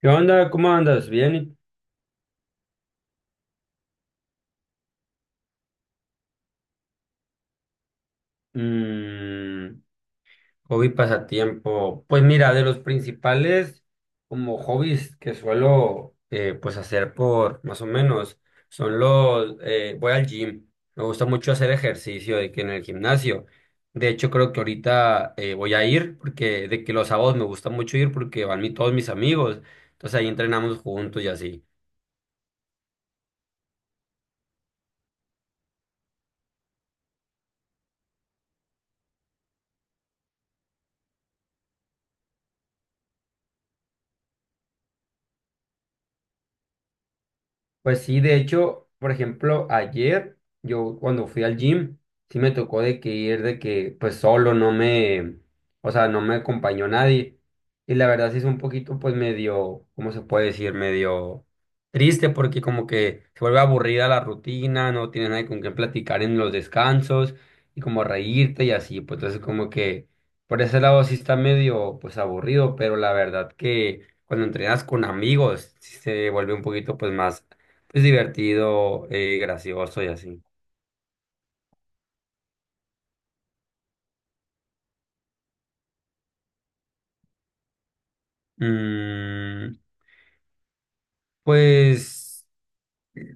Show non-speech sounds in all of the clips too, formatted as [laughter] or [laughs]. ¿Qué onda? ¿Cómo andas? ¿Bien? Mm, hobby pasatiempo. Pues mira, de los principales como hobbies que suelo pues hacer por más o menos son los voy al gym. Me gusta mucho hacer ejercicio de que en el gimnasio. De hecho, creo que ahorita voy a ir porque de que los sábados me gusta mucho ir porque van todos mis amigos. Entonces ahí entrenamos juntos y así. Pues sí, de hecho, por ejemplo, ayer yo cuando fui al gym, sí me tocó de que ir de que pues solo no me, o sea, no me acompañó nadie. Y la verdad sí es un poquito pues medio, ¿cómo se puede decir? Medio triste porque como que se vuelve aburrida la rutina, no tienes nadie con quien platicar en los descansos y como reírte y así, pues entonces como que por ese lado sí está medio pues aburrido, pero la verdad que cuando entrenas con amigos sí se vuelve un poquito pues más es divertido, gracioso y así. Mm, pues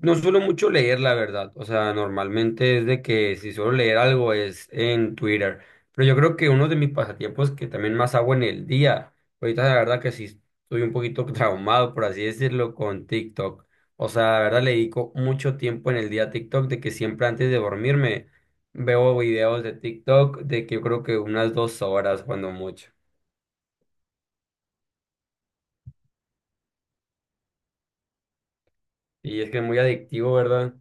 no suelo mucho leer, la verdad. O sea, normalmente es de que si suelo leer algo es en Twitter. Pero yo creo que uno de mis pasatiempos que también más hago en el día, ahorita la verdad que sí estoy un poquito [laughs] traumado, por así decirlo, con TikTok. O sea, la verdad le dedico mucho tiempo en el día a TikTok, de que siempre antes de dormirme veo videos de TikTok, de que yo creo que unas 2 horas cuando mucho. Y es que es muy adictivo, ¿verdad?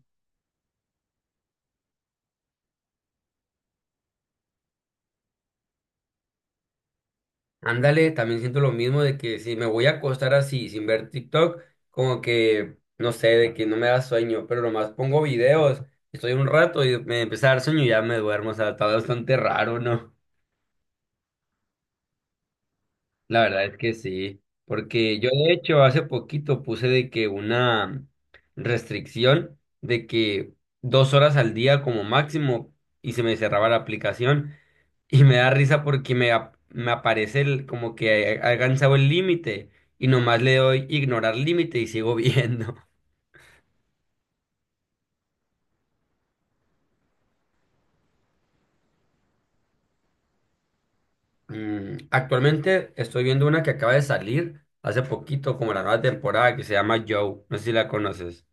Ándale, también siento lo mismo de que si me voy a acostar así sin ver TikTok, como que, no sé, de que no me da sueño, pero nomás pongo videos, estoy un rato y me empieza a dar sueño y ya me duermo, o sea, está bastante raro, ¿no? La verdad es que sí, porque yo de hecho hace poquito puse de que una restricción de que 2 horas al día como máximo y se me cerraba la aplicación. Y me da risa porque me, me aparece como que ha alcanzado el límite y nomás le doy ignorar límite y sigo viendo. [laughs] Mm, actualmente estoy viendo una que acaba de salir hace poquito, como la nueva temporada, que se llama Joe. No sé si la conoces.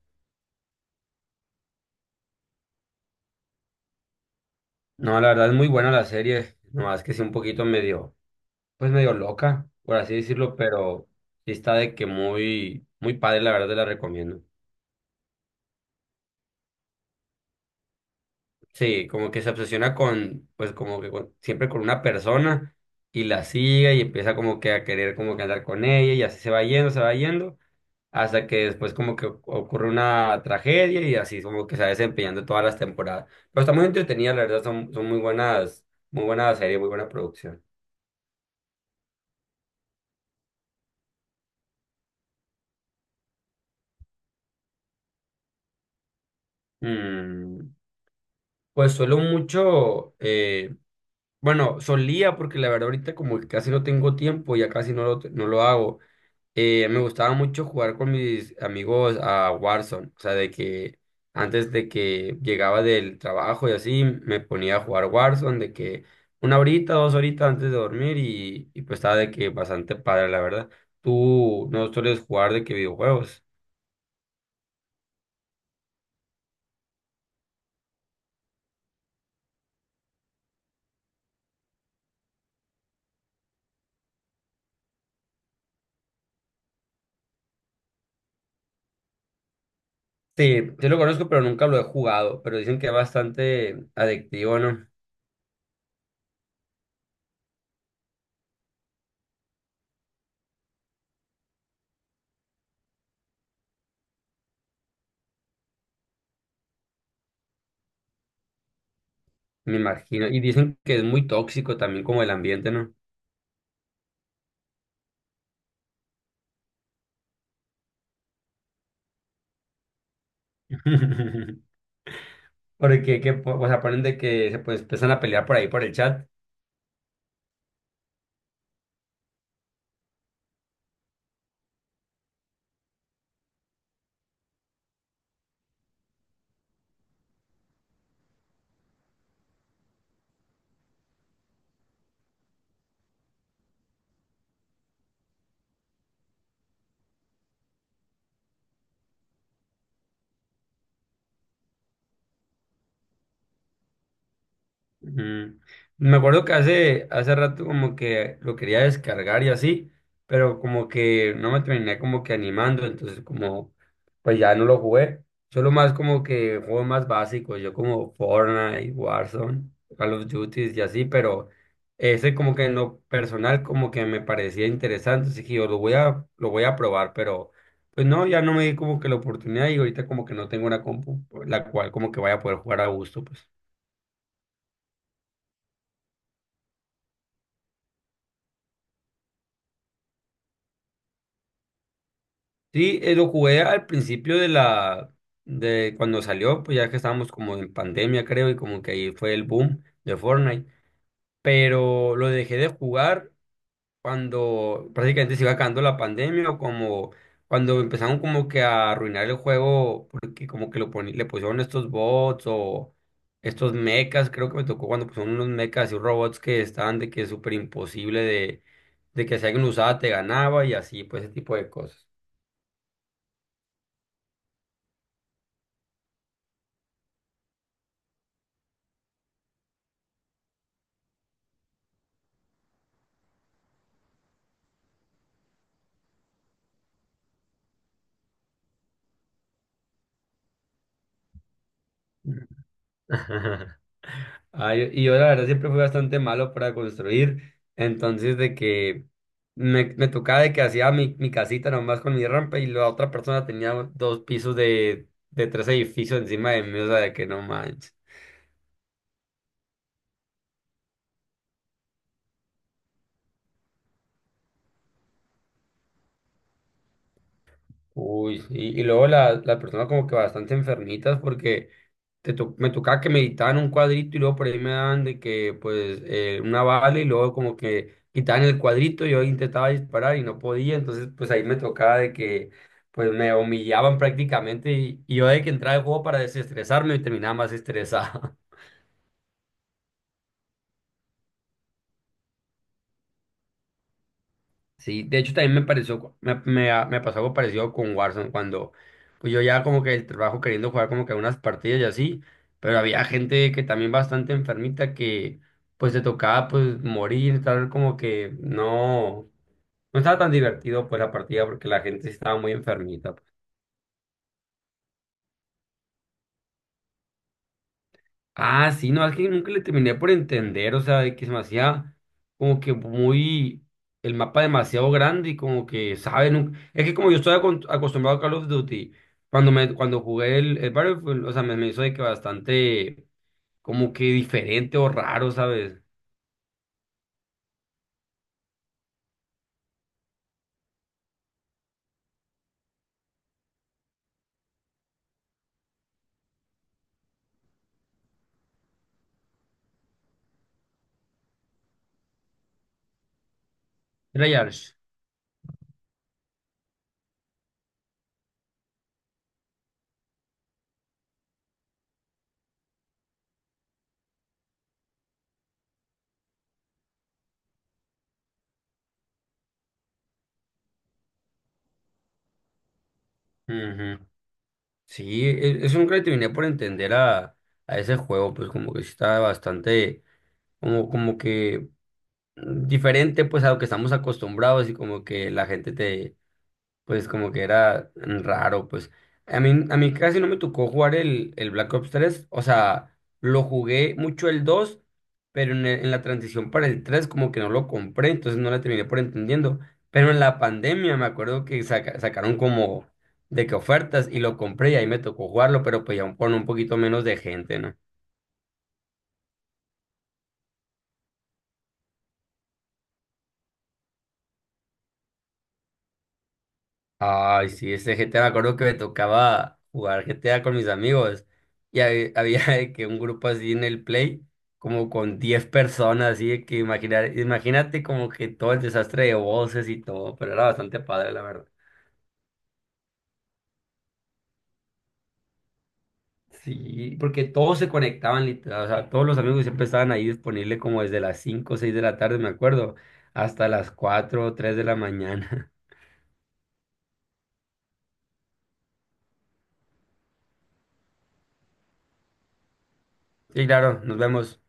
No, la verdad es muy buena la serie. Nomás que sí un poquito medio, pues medio loca, por así decirlo, pero sí está de que muy, muy padre, la verdad te la recomiendo. Sí, como que se obsesiona con, pues como que siempre con una persona y la sigue y empieza como que a querer como que andar con ella y así se va yendo, hasta que después como que ocurre una tragedia y así como que se va desempeñando todas las temporadas. Pero está muy entretenida, la verdad, son muy buenas, muy buena serie, muy buena producción. Mm, pues suelo mucho, bueno, solía porque la verdad ahorita como que casi no tengo tiempo, ya casi no lo hago me gustaba mucho jugar con mis amigos a Warzone, o sea, de que antes de que llegaba del trabajo y así, me ponía a jugar Warzone, de que una horita, dos horitas antes de dormir y pues estaba de que bastante padre, la verdad. ¿Tú no sueles jugar de qué videojuegos? Sí, sí lo conozco, pero nunca lo he jugado, pero dicen que es bastante adictivo, ¿no? Me imagino. Y dicen que es muy tóxico también como el ambiente, ¿no? [laughs] Porque que, po- o sea, ponen de que se pues, empiezan a pelear por ahí por el chat. Ujú. Me acuerdo que hace rato como que lo quería descargar y así, pero como que no me terminé como que animando, entonces como pues ya no lo jugué. Solo más como que juegos más básicos, yo como Fortnite, Warzone, Call of Duty y así, pero ese como que en lo personal como que me parecía interesante, así que yo lo voy a probar, pero pues no, ya no me di como que la oportunidad y ahorita como que no tengo una compu la cual como que vaya a poder jugar a gusto, pues. Sí, lo jugué al principio de la, de cuando salió, pues ya que estábamos como en pandemia, creo, y como que ahí fue el boom de Fortnite. Pero lo dejé de jugar cuando prácticamente se iba acabando la pandemia o como cuando empezaron como que a arruinar el juego porque como que lo le pusieron estos bots o estos mechas, creo que me tocó cuando pusieron unos mechas y robots que estaban de que es súper imposible de que si alguien lo usaba te ganaba y así, pues ese tipo de cosas. [laughs] Y yo la verdad siempre fui bastante malo para construir, entonces de que me tocaba de que hacía mi casita nomás con mi rampa y la otra persona tenía dos pisos de tres edificios encima de mí, o sea, de que no manches. Uy, sí. Y luego las personas como que bastante enfermitas porque me tocaba que meditaban un cuadrito y luego por ahí me daban de que pues una bala y luego como que quitaban el cuadrito y yo intentaba disparar y no podía, entonces pues ahí me tocaba de que pues me humillaban prácticamente y yo de que entraba al juego para desestresarme y terminaba más estresado. Sí, de hecho también me pareció, me pasó algo parecido con Warzone, cuando pues yo ya como que el trabajo queriendo jugar como que unas partidas y así, pero había gente que también bastante enfermita que pues se tocaba pues morir, tal como que no, no estaba tan divertido pues la partida porque la gente sí estaba muy enfermita. Ah, sí, no, es que nunca le terminé por entender, o sea, de que se me hacía como que muy, el mapa demasiado grande y como que, ¿sabes? Es que como yo estoy acostumbrado a Call of Duty, cuando cuando jugué el Battlefield, o sea, me hizo de que bastante, como que diferente o raro, ¿sabes? Treyarch. Ujú. Sí, eso nunca le terminé por entender a ese juego, pues como que sí estaba bastante, como que mm, diferente pues a lo que estamos acostumbrados y como que la gente te pues como que era raro, pues. A mí casi no me tocó jugar el Black Ops tres, o sea, lo jugué mucho el dos, pero en, en la transición para el 3 como que no lo compré, entonces no la terminé por entendiendo. Pero en la pandemia me acuerdo que sacaron como de que ofertas y lo compré y ahí me tocó jugarlo, pero pues con un poquito menos de gente, ¿no? Ay, sí, ese GTA, me acuerdo que me tocaba jugar GTA con mis amigos. Y [laughs] había, de que un grupo así en el Play, como con 10 personas, así de que imaginar, imagínate como que todo el desastre de voces y todo, pero era bastante padre, la verdad. Sí, porque todos se conectaban, literal, o sea, todos los amigos siempre estaban ahí disponibles como desde las 5 o 6 de la tarde, me acuerdo, hasta las 4 o 3 de la mañana. [laughs] Sí, claro, nos vemos.